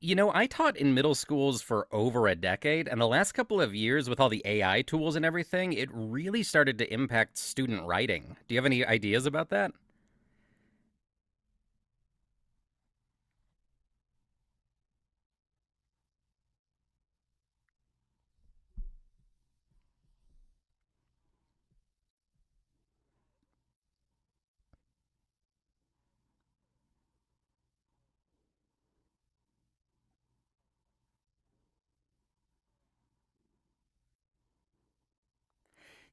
You know, I taught in middle schools for over a decade, and the last couple of years with all the AI tools and everything, it really started to impact student writing. Do you have any ideas about that?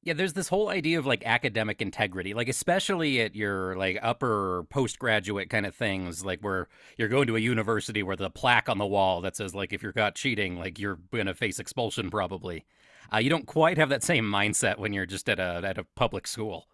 Yeah, there's this whole idea of like academic integrity, like especially at your like upper postgraduate kind of things, like where you're going to a university where the plaque on the wall that says like if you're caught cheating, like you're gonna face expulsion probably. You don't quite have that same mindset when you're just at a public school.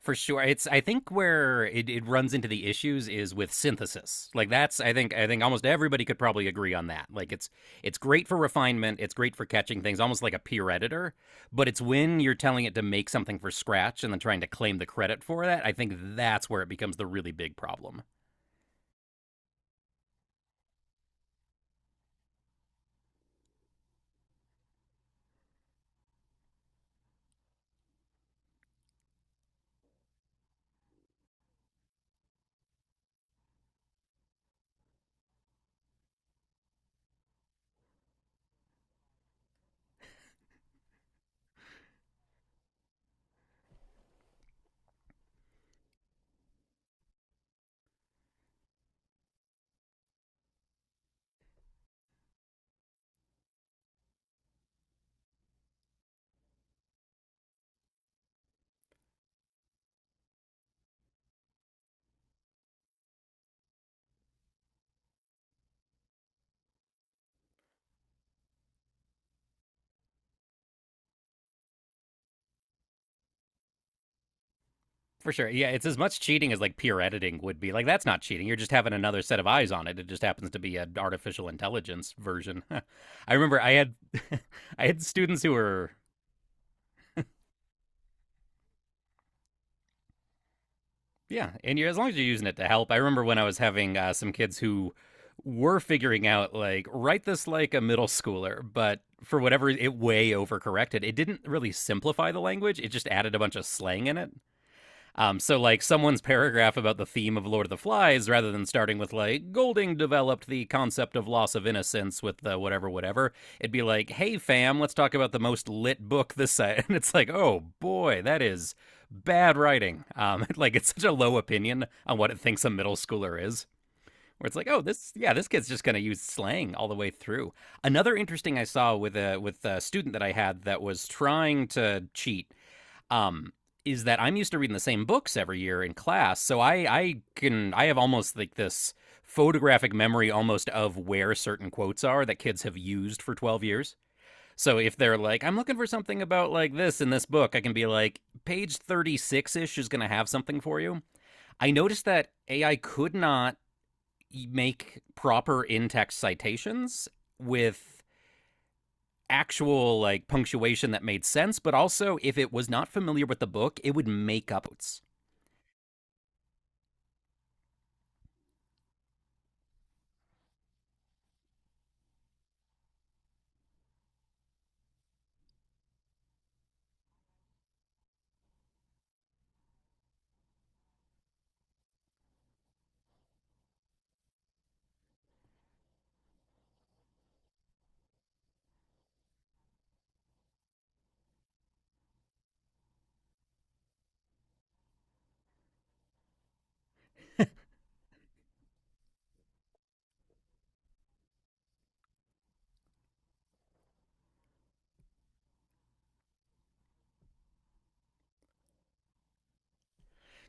For sure, it's I think where it runs into the issues is with synthesis. Like that's I think almost everybody could probably agree on that. Like it's great for refinement, it's great for catching things, almost like a peer editor. But it's when you're telling it to make something for scratch and then trying to claim the credit for that, I think that's where it becomes the really big problem. For sure. Yeah, it's as much cheating as like peer editing would be. Like that's not cheating. You're just having another set of eyes on it. It just happens to be an artificial intelligence version. I remember I had I had students who were yeah, and you're, as long as you're using it to help. I remember when I was having some kids who were figuring out like write this like a middle schooler, but for whatever it way overcorrected. It didn't really simplify the language. It just added a bunch of slang in it. So, like, someone's paragraph about the theme of Lord of the Flies, rather than starting with, like, Golding developed the concept of loss of innocence with the whatever, whatever, it'd be like, hey, fam, let's talk about the most lit book this side. And it's like, oh, boy, that is bad writing. Like, it's such a low opinion on what it thinks a middle schooler is, where it's like, oh, this, yeah, this kid's just going to use slang all the way through. Another interesting I saw with a student that I had that was trying to cheat, um, is that I'm used to reading the same books every year in class, so I have almost like this photographic memory almost of where certain quotes are that kids have used for 12 years. So if they're like, I'm looking for something about like this in this book, I can be like, page 36 ish is going to have something for you. I noticed that AI could not make proper in text citations with actual like punctuation that made sense, but also if it was not familiar with the book, it would make up quotes.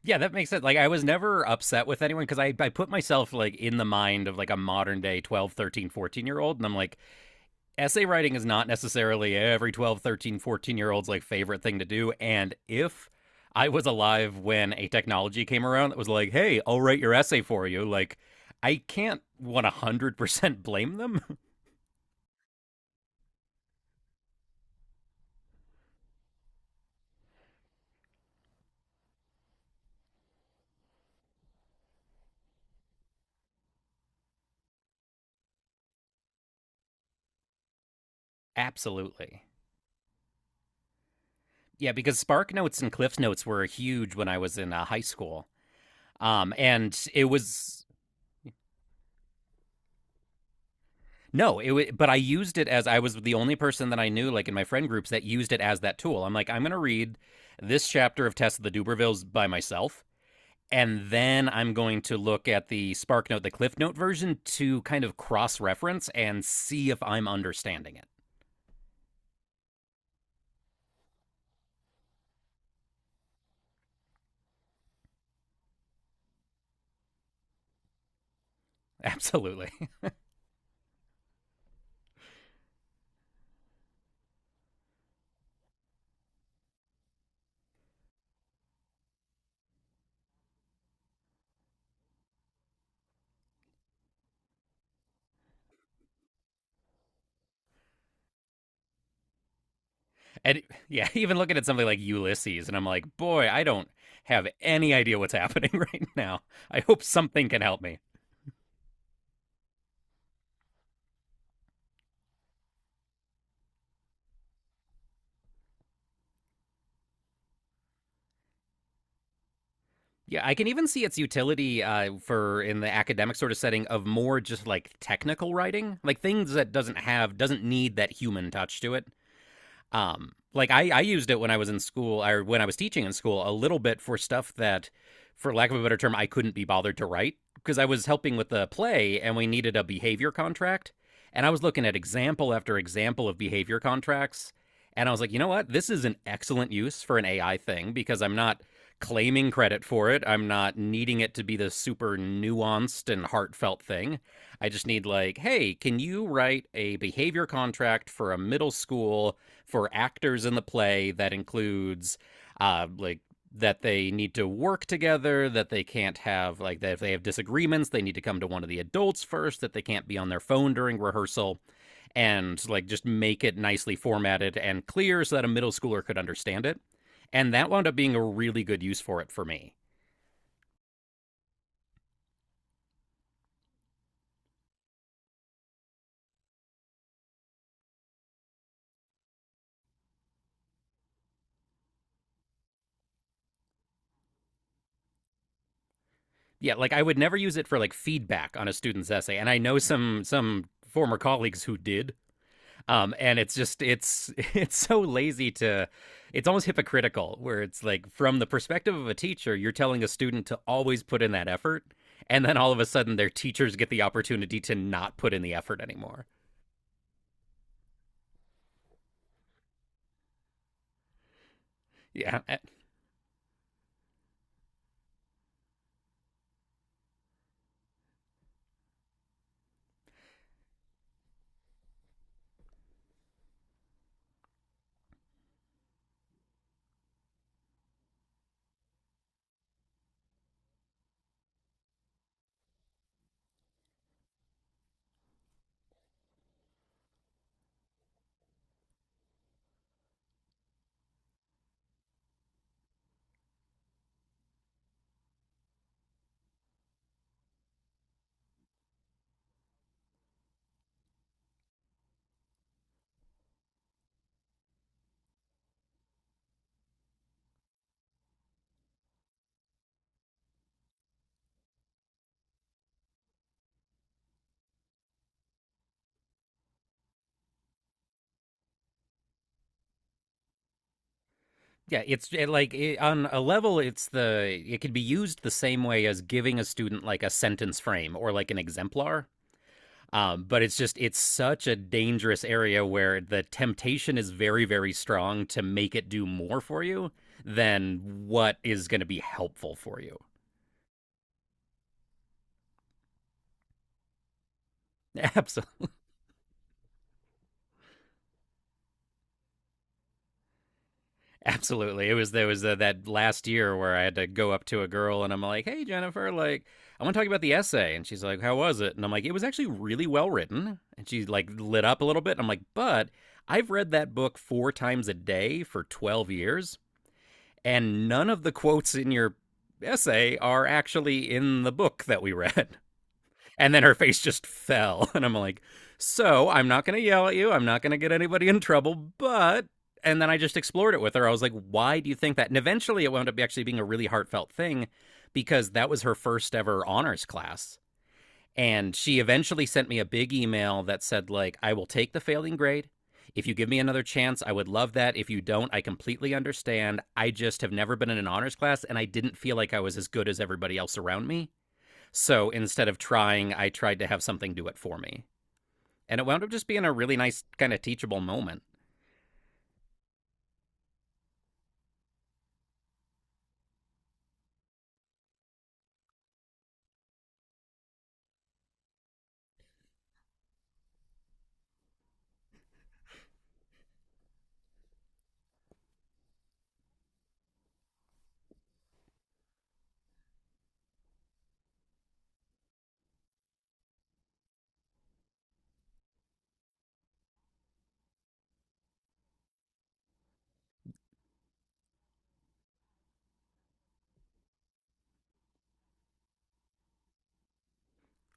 Yeah, that makes sense. Like I was never upset with anyone because I put myself like in the mind of like a modern day 12, 13, 14 year old, and I'm like essay writing is not necessarily every 12, 13, 14 year old's like favorite thing to do, and if I was alive when a technology came around that was like, "Hey, I'll write your essay for you." Like I can't 100% blame them. Absolutely. Yeah, because Spark Notes and Cliff Notes were huge when I was in high school. And it was No, it wa but I used it as I was the only person that I knew, like in my friend groups, that used it as that tool. I'm like, I'm going to read this chapter of Tess of the Dubervilles by myself, and then I'm going to look at the SparkNote, the Cliff Note version to kind of cross reference and see if I'm understanding it. Absolutely. And yeah, even looking at something like Ulysses, and I'm like, boy, I don't have any idea what's happening right now. I hope something can help me. Yeah, I can even see its utility for in the academic sort of setting of more just like technical writing, like things that doesn't need that human touch to it. Like I used it when I was in school or when I was teaching in school a little bit for stuff that, for lack of a better term, I couldn't be bothered to write because I was helping with the play and we needed a behavior contract. And I was looking at example after example of behavior contracts. And I was like, you know what? This is an excellent use for an AI thing because I'm not claiming credit for it. I'm not needing it to be the super nuanced and heartfelt thing. I just need, like, hey, can you write a behavior contract for a middle school, for actors in the play, that includes like that they need to work together, that they can't have like that if they have disagreements, they need to come to one of the adults first, that they can't be on their phone during rehearsal, and like just make it nicely formatted and clear so that a middle schooler could understand it. And that wound up being a really good use for it for me. Yeah, like I would never use it for like feedback on a student's essay, and I know some former colleagues who did. And it's it's so lazy. To It's almost hypocritical where it's like from the perspective of a teacher, you're telling a student to always put in that effort, and then all of a sudden their teachers get the opportunity to not put in the effort anymore. Yeah. Yeah, it on a level it can be used the same way as giving a student like a sentence frame or like an exemplar. But it's such a dangerous area where the temptation is very, very strong to make it do more for you than what is going to be helpful for you. Absolutely. Absolutely. It was there was that last year where I had to go up to a girl and I'm like, "Hey Jennifer, like I want to talk about the essay." And she's like, "How was it?" And I'm like, "It was actually really well written." And she like lit up a little bit. And I'm like, "But I've read that book 4 times a day for 12 years and none of the quotes in your essay are actually in the book that we read." And then her face just fell. And I'm like, so I'm not going to yell at you. I'm not going to get anybody in trouble, but. And then I just explored it with her. I was like, why do you think that? And eventually it wound up actually being a really heartfelt thing because that was her first ever honors class. And she eventually sent me a big email that said, like, I will take the failing grade. If you give me another chance, I would love that. If you don't, I completely understand. I just have never been in an honors class and I didn't feel like I was as good as everybody else around me. So instead of trying, I tried to have something do it for me. And it wound up just being a really nice, kind of teachable moment.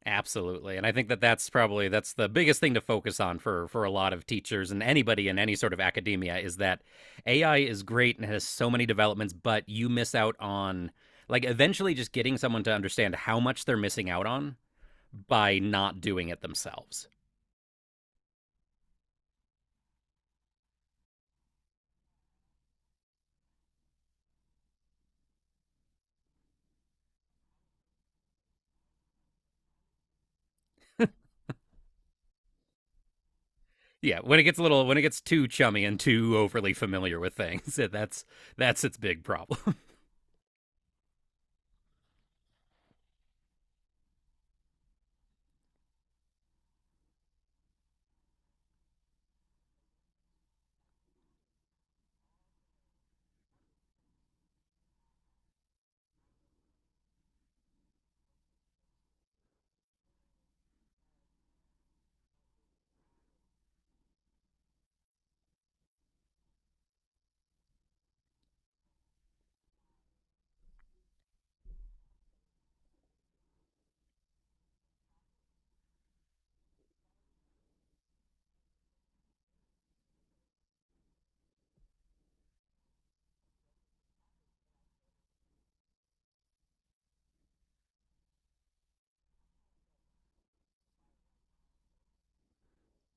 Absolutely, and I think that that's probably, that's the biggest thing to focus on for a lot of teachers and anybody in any sort of academia, is that AI is great and has so many developments, but you miss out on, like, eventually just getting someone to understand how much they're missing out on by not doing it themselves. Yeah, when it gets too chummy and too overly familiar with things, that's its big problem.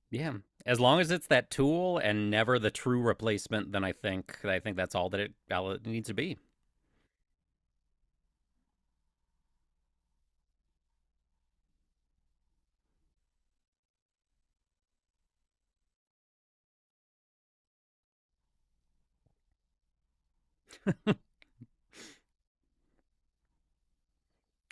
Yeah. As long as it's that tool and never the true replacement, then I think that's all it needs to be.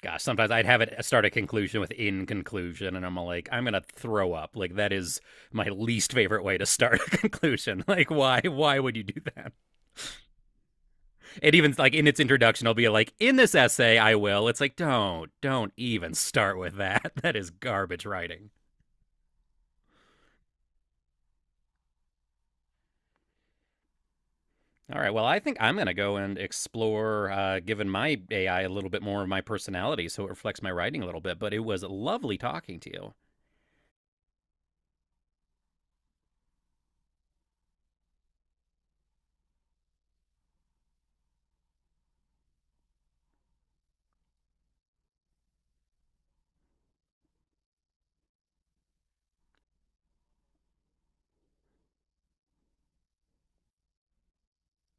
Gosh, sometimes I'd have it start a conclusion with in conclusion, and I'm like, I'm gonna throw up. Like that is my least favorite way to start a conclusion. Like why would you do that? And even like in its introduction, I'll be like, in this essay, I will. It's like don't even start with that. That is garbage writing. All right. Well, I think I'm going to go and explore giving my AI a little bit more of my personality so it reflects my writing a little bit. But it was lovely talking to you.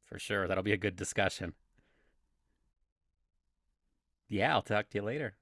For sure. That'll be a good discussion. Yeah, I'll talk to you later.